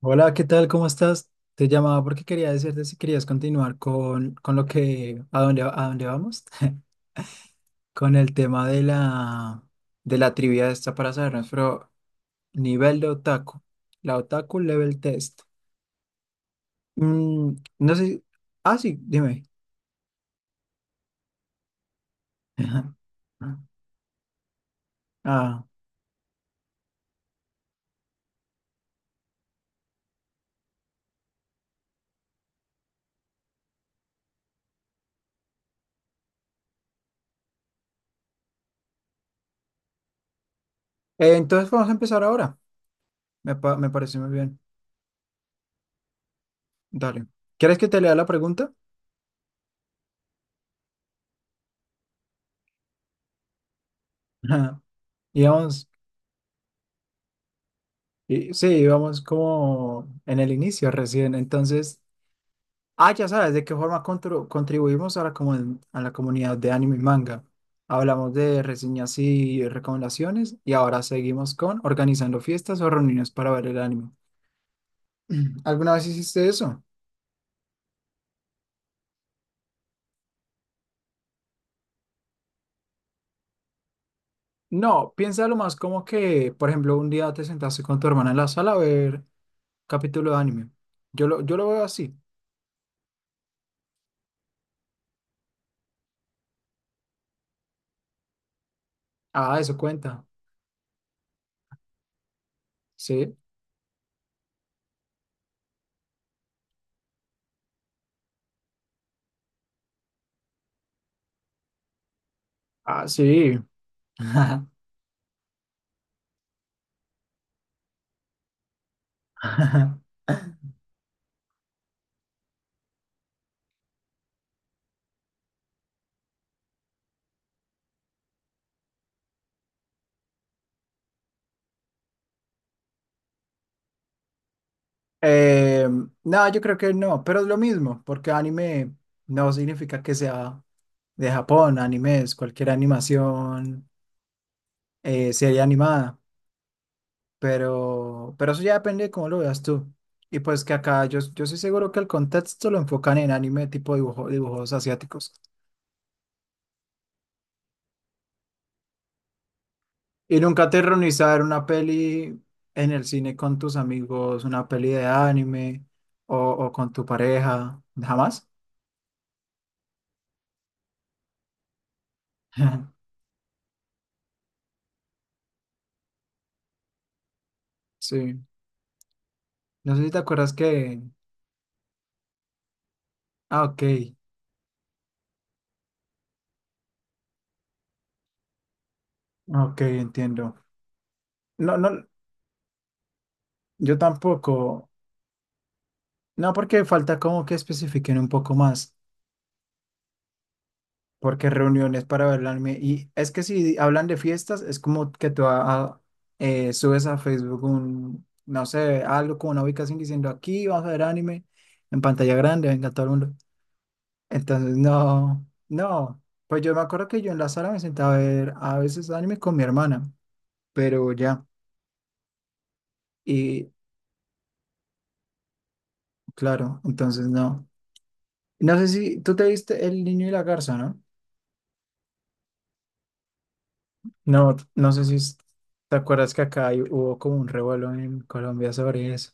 Hola, ¿qué tal? ¿Cómo estás? Te llamaba porque quería decirte si querías continuar con lo que, a dónde vamos, con el tema de la trivia esta para saber nuestro nivel de otaku, la otaku level test. No sé, ah, sí, dime. Ah, entonces vamos a empezar ahora, me parece muy bien, dale. ¿Quieres que te lea la pregunta? Y vamos, sí, vamos como en el inicio recién, entonces... Ah, ya sabes de qué forma contribuimos a a la comunidad de anime y manga. Hablamos de reseñas y recomendaciones y ahora seguimos con organizando fiestas o reuniones para ver el anime. ¿Alguna vez hiciste eso? No, piénsalo más como que, por ejemplo, un día te sentaste con tu hermana en la sala a ver capítulo de anime. Yo lo veo así. Ah, eso cuenta. Sí. Ah, sí. Eh, no, yo creo que no, pero es lo mismo, porque anime no significa que sea de Japón, anime es cualquier animación, serie animada, pero eso ya depende de cómo lo veas tú. Y pues que acá yo estoy seguro que el contexto lo enfocan en anime tipo dibujo, dibujos asiáticos. Y nunca te reunís a ver una peli en el cine con tus amigos, una peli de anime o con tu pareja, jamás. Sí, no sé si te acuerdas que... Ah, ok, ok, entiendo. No, no, yo tampoco. No, porque falta como que especifiquen un poco más, porque reuniones para bailarme. Y es que si hablan de fiestas, es como que tú subes a Facebook un, no sé, algo como una ubicación diciendo aquí vamos a ver anime en pantalla grande, venga todo el mundo. Entonces, no, no. Pues yo me acuerdo que yo en la sala me sentaba a ver a veces anime con mi hermana, pero ya. Y claro, entonces no. No sé si tú te viste El Niño y la Garza, ¿no? No, no sé si es- Te acuerdas que acá hubo como un revuelo en Colombia sobre eso.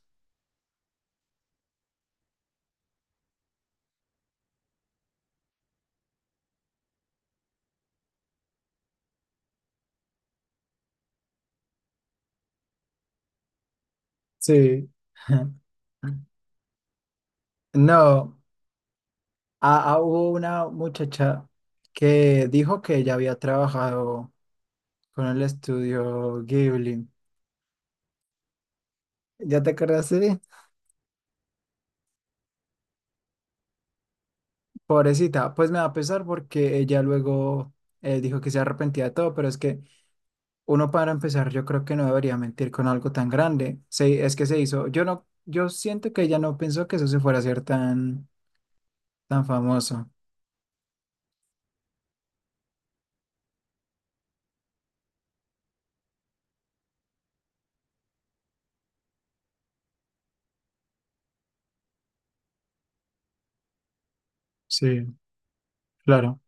Sí. No, hubo una muchacha que dijo que ella había trabajado con el estudio Ghibli. ¿Ya te acuerdas de? Pobrecita, pues me da pesar porque ella luego dijo que se arrepentía de todo, pero es que uno para empezar, yo creo que no debería mentir con algo tan grande. Es que se hizo. Yo siento que ella no pensó que eso se fuera a hacer tan, tan famoso. Sí, claro,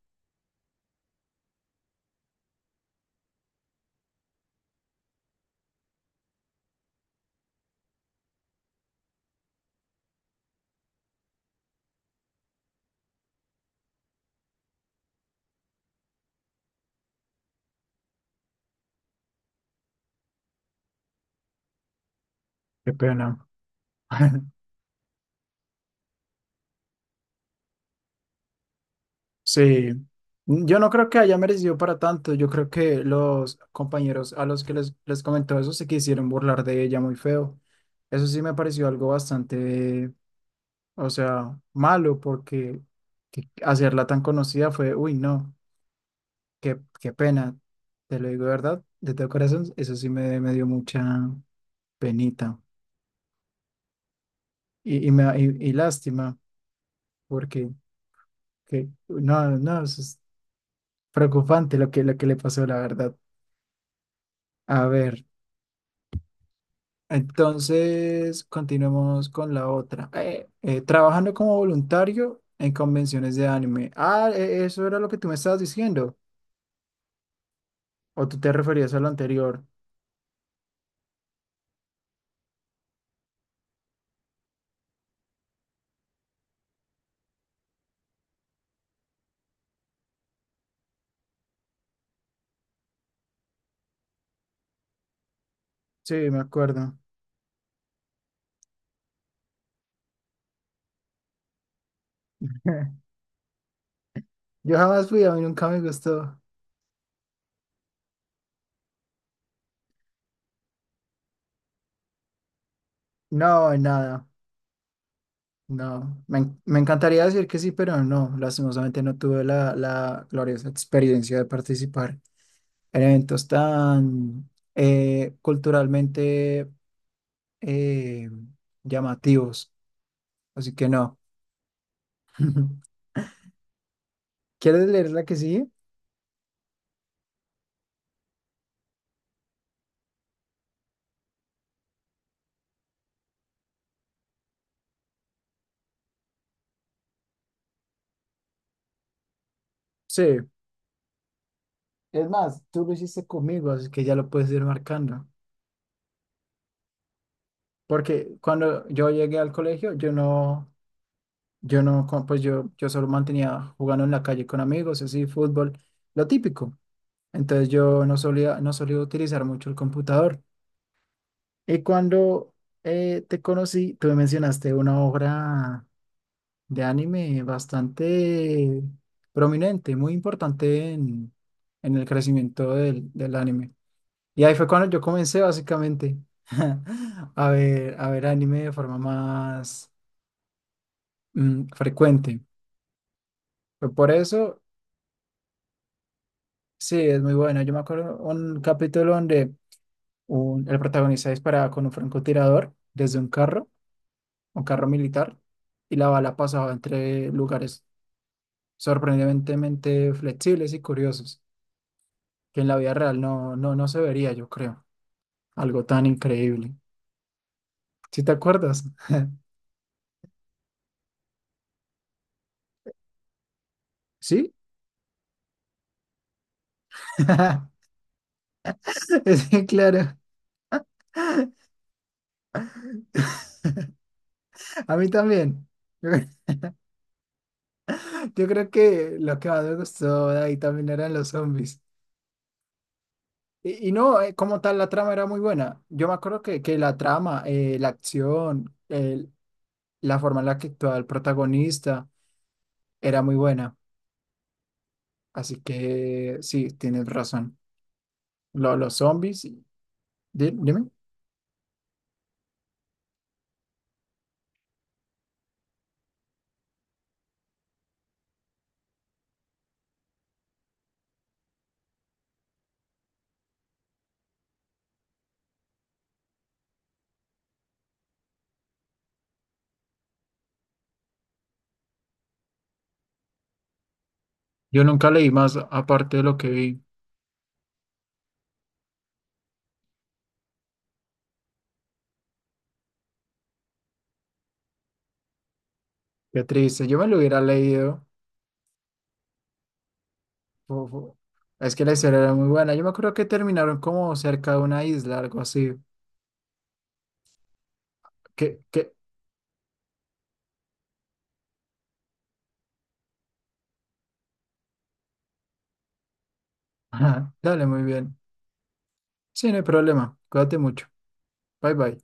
qué pena. Sí, yo no creo que haya merecido para tanto. Yo creo que los compañeros a los que les comentó eso se quisieron burlar de ella muy feo. Eso sí me pareció algo bastante, o sea, malo porque hacerla tan conocida fue, uy, no. Qué, qué pena, te lo digo de verdad, de todo corazón, eso sí me dio mucha penita y lástima, porque que, no, no, eso es preocupante lo que le pasó, la verdad. A ver, entonces continuemos con la otra. Trabajando como voluntario en convenciones de anime. Ah, eso era lo que tú me estabas diciendo, o tú te referías a lo anterior. Sí, me acuerdo. Yo jamás fui, a mí nunca me gustó. No, en nada. No, me, en- Me encantaría decir que sí, pero no, lastimosamente no tuve la gloriosa experiencia de participar en eventos tan culturalmente eh, llamativos, así que no. ¿Quieres leer la que sigue? Sí. Es más, tú lo hiciste conmigo, así que ya lo puedes ir marcando. Porque cuando yo llegué al colegio, yo no, yo no, co- pues yo solo mantenía jugando en la calle con amigos, así, fútbol, lo típico. Entonces yo no solía, no solía utilizar mucho el computador. Y cuando te conocí, tú me mencionaste una obra de anime bastante prominente, muy importante en el crecimiento del anime. Y ahí fue cuando yo comencé básicamente a ver anime de forma más frecuente. Fue por eso, sí, es muy bueno. Yo me acuerdo un capítulo donde el protagonista disparaba con un francotirador desde un carro, un carro militar y la bala pasaba entre lugares sorprendentemente flexibles y curiosos, que en la vida real no se vería, yo creo. Algo tan increíble. ¿Sí te acuerdas? ¿Sí? Sí, claro. A mí también. Yo creo que lo que más me gustó de ahí también eran los zombies. Y no, como tal, la trama era muy buena. Yo me acuerdo que la trama, la acción, la forma en la que actuaba el protagonista era muy buena. Así que sí, tienes razón. Los zombies, dime. Yo nunca leí más aparte de lo que vi. Qué triste. Yo me lo hubiera leído. Fu- fu- Es que la historia era muy buena. Yo me acuerdo que terminaron como cerca de una isla, algo así. Que... Dale, muy bien. Sí, no hay problema. Cuídate mucho. Bye bye.